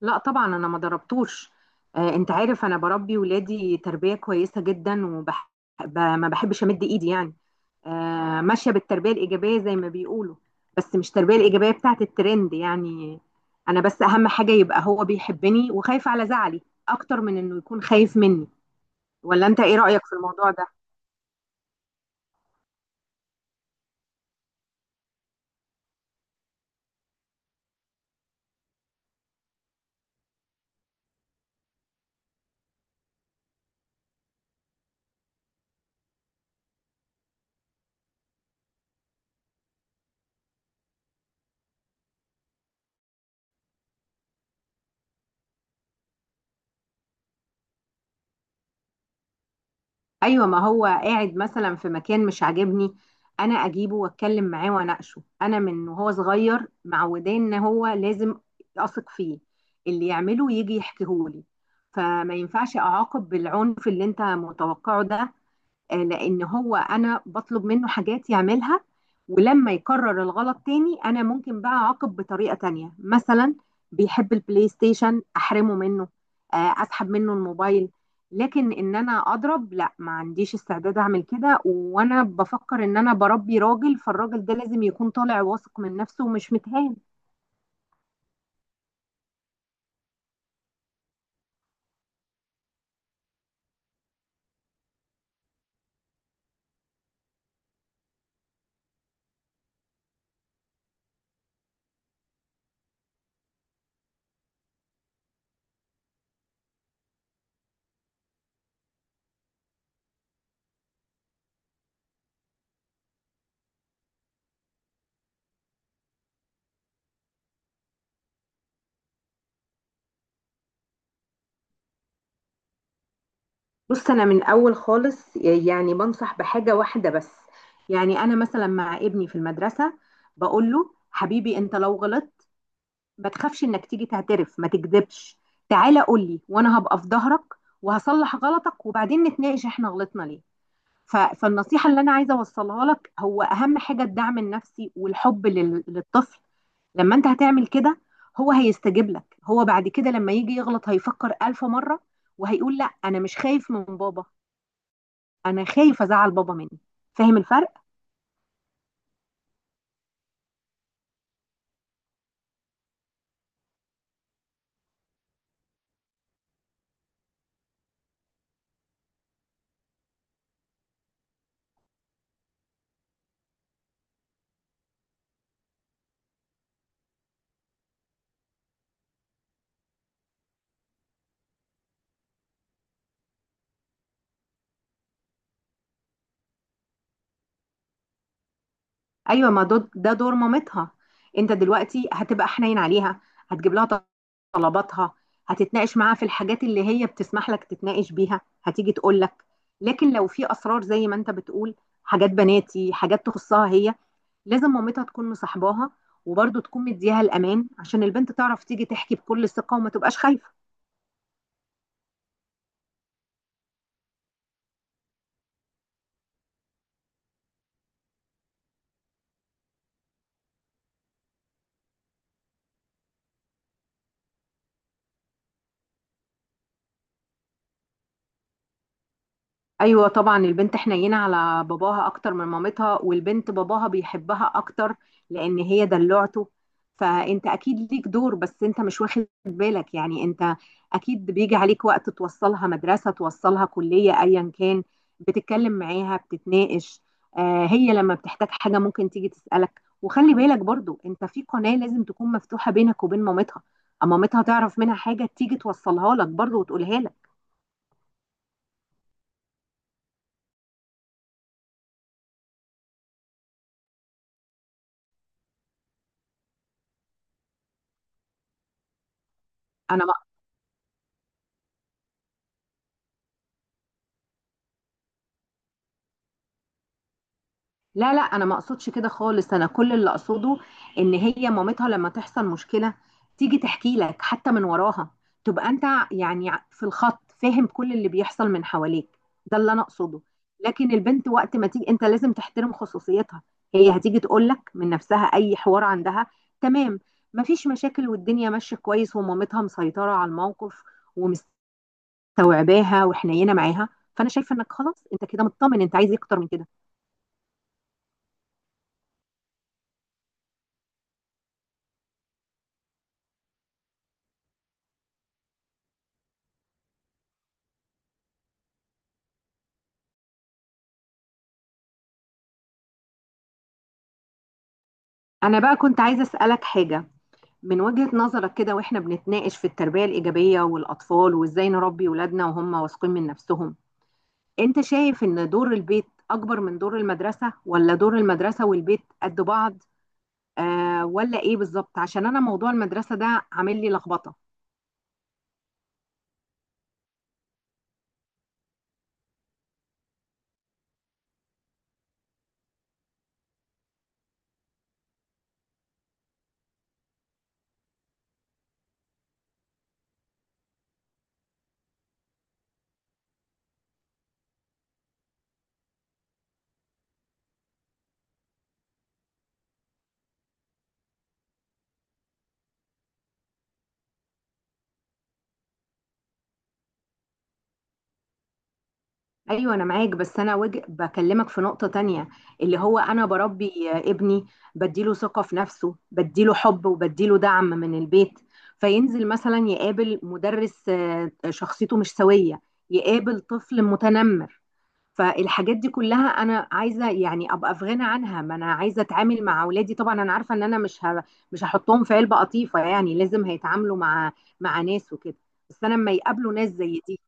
لا طبعا انا ما ضربتوش. انت عارف انا بربي ولادي تربيه كويسه جدا، ما بحبش امد ايدي يعني. ماشيه بالتربيه الايجابيه زي ما بيقولوا، بس مش التربيه الايجابيه بتاعت الترند يعني. انا بس اهم حاجه يبقى هو بيحبني وخايف على زعلي اكتر من انه يكون خايف مني. ولا انت ايه رايك في الموضوع ده؟ ايوه، ما هو قاعد مثلا في مكان مش عاجبني، انا اجيبه واتكلم معاه واناقشه. انا من وهو صغير معوداه ان هو لازم اثق فيه، اللي يعمله يجي يحكيهولي. فما ينفعش اعاقب بالعنف اللي انت متوقعه ده. لان هو انا بطلب منه حاجات يعملها، ولما يكرر الغلط تاني انا ممكن بقى اعاقب بطريقة تانية. مثلا بيحب البلاي ستيشن احرمه منه، اسحب منه الموبايل. لكن ان انا اضرب، لا، ما عنديش استعداد اعمل كده. وانا بفكر ان انا بربي راجل، فالراجل ده لازم يكون طالع واثق من نفسه ومش متهان. بص، انا من اول خالص يعني بنصح بحاجة واحدة بس. يعني انا مثلا مع ابني في المدرسة بقول له: حبيبي، انت لو غلطت ما تخافش انك تيجي تعترف، ما تكذبش، تعالى قول لي وانا هبقى في ظهرك وهصلح غلطك، وبعدين نتناقش احنا غلطنا ليه. فالنصيحة اللي انا عايزة اوصلها لك هو اهم حاجة الدعم النفسي والحب للطفل. لما انت هتعمل كده هو هيستجيب لك. هو بعد كده لما يجي يغلط هيفكر ألف مرة وهيقول: لا، انا مش خايف من بابا، انا خايف ازعل بابا مني. فاهم الفرق؟ ايوه، ما ده دور مامتها. انت دلوقتي هتبقى حنين عليها، هتجيب لها طلباتها، هتتناقش معاها في الحاجات اللي هي بتسمح لك تتناقش بيها، هتيجي تقول لك. لكن لو في اسرار زي ما انت بتقول، حاجات بناتي، حاجات تخصها هي، لازم مامتها تكون مصاحباها وبرضه تكون مديها الامان عشان البنت تعرف تيجي تحكي بكل ثقه وما تبقاش خايفه. ايوه طبعا، البنت حنينه على باباها اكتر من مامتها، والبنت باباها بيحبها اكتر لان هي دلوعته. فانت اكيد ليك دور، بس انت مش واخد بالك. يعني انت اكيد بيجي عليك وقت توصلها مدرسه، توصلها كليه، ايا كان، بتتكلم معاها، بتتناقش. هي لما بتحتاج حاجه ممكن تيجي تسالك. وخلي بالك برضو، انت في قناه لازم تكون مفتوحه بينك وبين مامتها، اما مامتها تعرف منها حاجه تيجي توصلها لك برضو وتقولها لك. انا، لا، لا، انا ما اقصدش كده خالص. انا كل اللي اقصده ان هي مامتها لما تحصل مشكله تيجي تحكي لك حتى من وراها، تبقى انت يعني في الخط، فاهم كل اللي بيحصل من حواليك. ده اللي انا اقصده. لكن البنت وقت ما تيجي، انت لازم تحترم خصوصيتها. هي هتيجي تقول لك من نفسها اي حوار عندها. تمام. مفيش مشاكل والدنيا ماشيه كويس، ومامتها مسيطره على الموقف ومستوعباها وحنينه معاها. فانا شايفه انك خلاص، انت كده مطمن. انت عايز إيه اكتر من كده؟ أنا بقى كنت عايزة أسألك حاجة. من وجهة نظرك كده، وإحنا بنتناقش في التربية الإيجابية والأطفال وإزاي نربي ولادنا وهم واثقين من نفسهم، أنت شايف إن دور البيت أكبر من دور المدرسة، ولا دور المدرسة والبيت قد بعض؟ ولا إيه بالظبط؟ عشان أنا موضوع المدرسة ده عامل لي لخبطة. ايوه، انا معاك، بس انا بكلمك في نقطة تانية، اللي هو انا بربي ابني، بديله ثقة في نفسه، بديله حب، وبديله دعم من البيت. فينزل مثلا يقابل مدرس شخصيته مش سوية، يقابل طفل متنمر. فالحاجات دي كلها انا عايزة يعني ابقى في غنى عنها. ما انا عايزة اتعامل مع اولادي، طبعا انا عارفة ان انا مش هحطهم في علبة قطيفة، يعني لازم هيتعاملوا مع ناس وكده. بس انا لما يقابلوا ناس زي دي...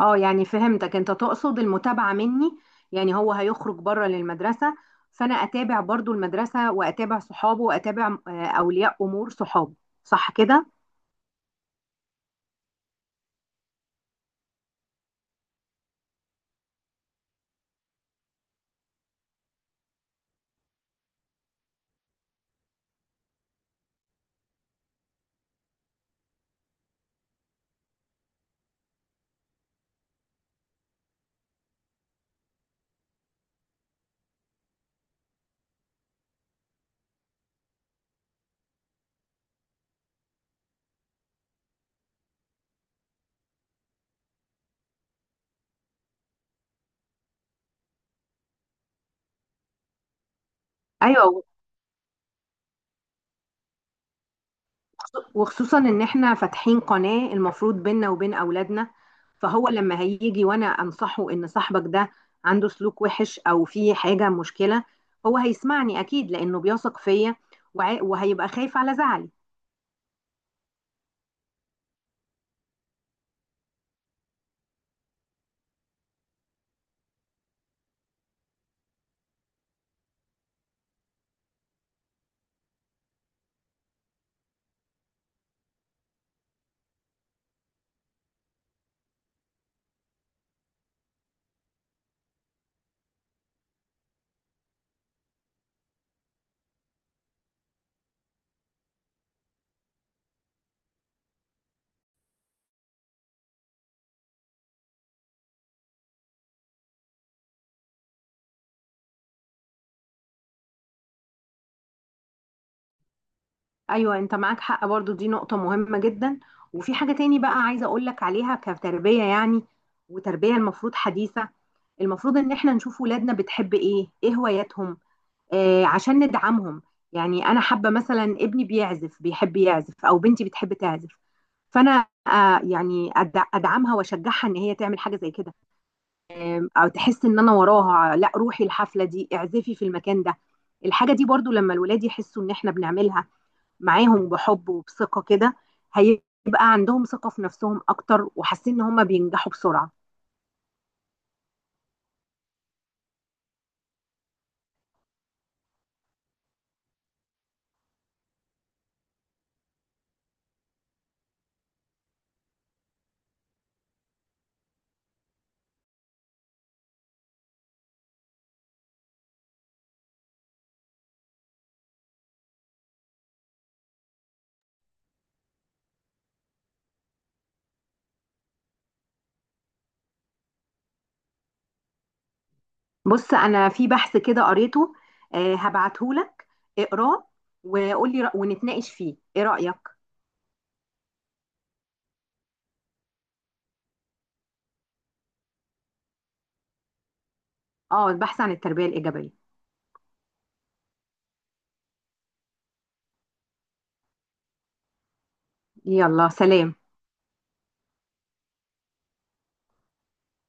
اه، يعني فهمتك، انت تقصد المتابعة مني. يعني هو هيخرج بره للمدرسة، فانا اتابع برضو المدرسة، واتابع صحابه، واتابع اولياء امور صحابه. صح كده؟ ايوه، وخصوصا ان احنا فاتحين قناة المفروض بيننا وبين اولادنا. فهو لما هيجي وانا انصحه ان صاحبك ده عنده سلوك وحش او في حاجة مشكلة، هو هيسمعني اكيد لانه بيثق فيا، وهيبقى خايف على زعلي. ايوه، انت معاك حق، برضو دي نقطة مهمة جدا. وفي حاجة تاني بقى عايزة اقولك عليها، كتربية يعني، وتربية المفروض حديثة. المفروض ان احنا نشوف ولادنا بتحب ايه، ايه هواياتهم، عشان ندعمهم. يعني انا حابة مثلا ابني بيعزف، بيحب يعزف، او بنتي بتحب تعزف، فانا ادعمها واشجعها ان هي تعمل حاجة زي كده، او تحس ان انا وراها. لا، روحي الحفلة دي، اعزفي في المكان ده. الحاجة دي برضو لما الولاد يحسوا ان احنا بنعملها معاهم بحب وبثقة كده، هيبقى عندهم ثقة في نفسهم أكتر، وحاسين إن هم بينجحوا بسرعة. بص، أنا في بحث كده قريته، هبعتهولك اقراه وقولي ونتناقش فيه، إيه رأيك؟ اه، البحث عن التربية الإيجابية. يلا سلام.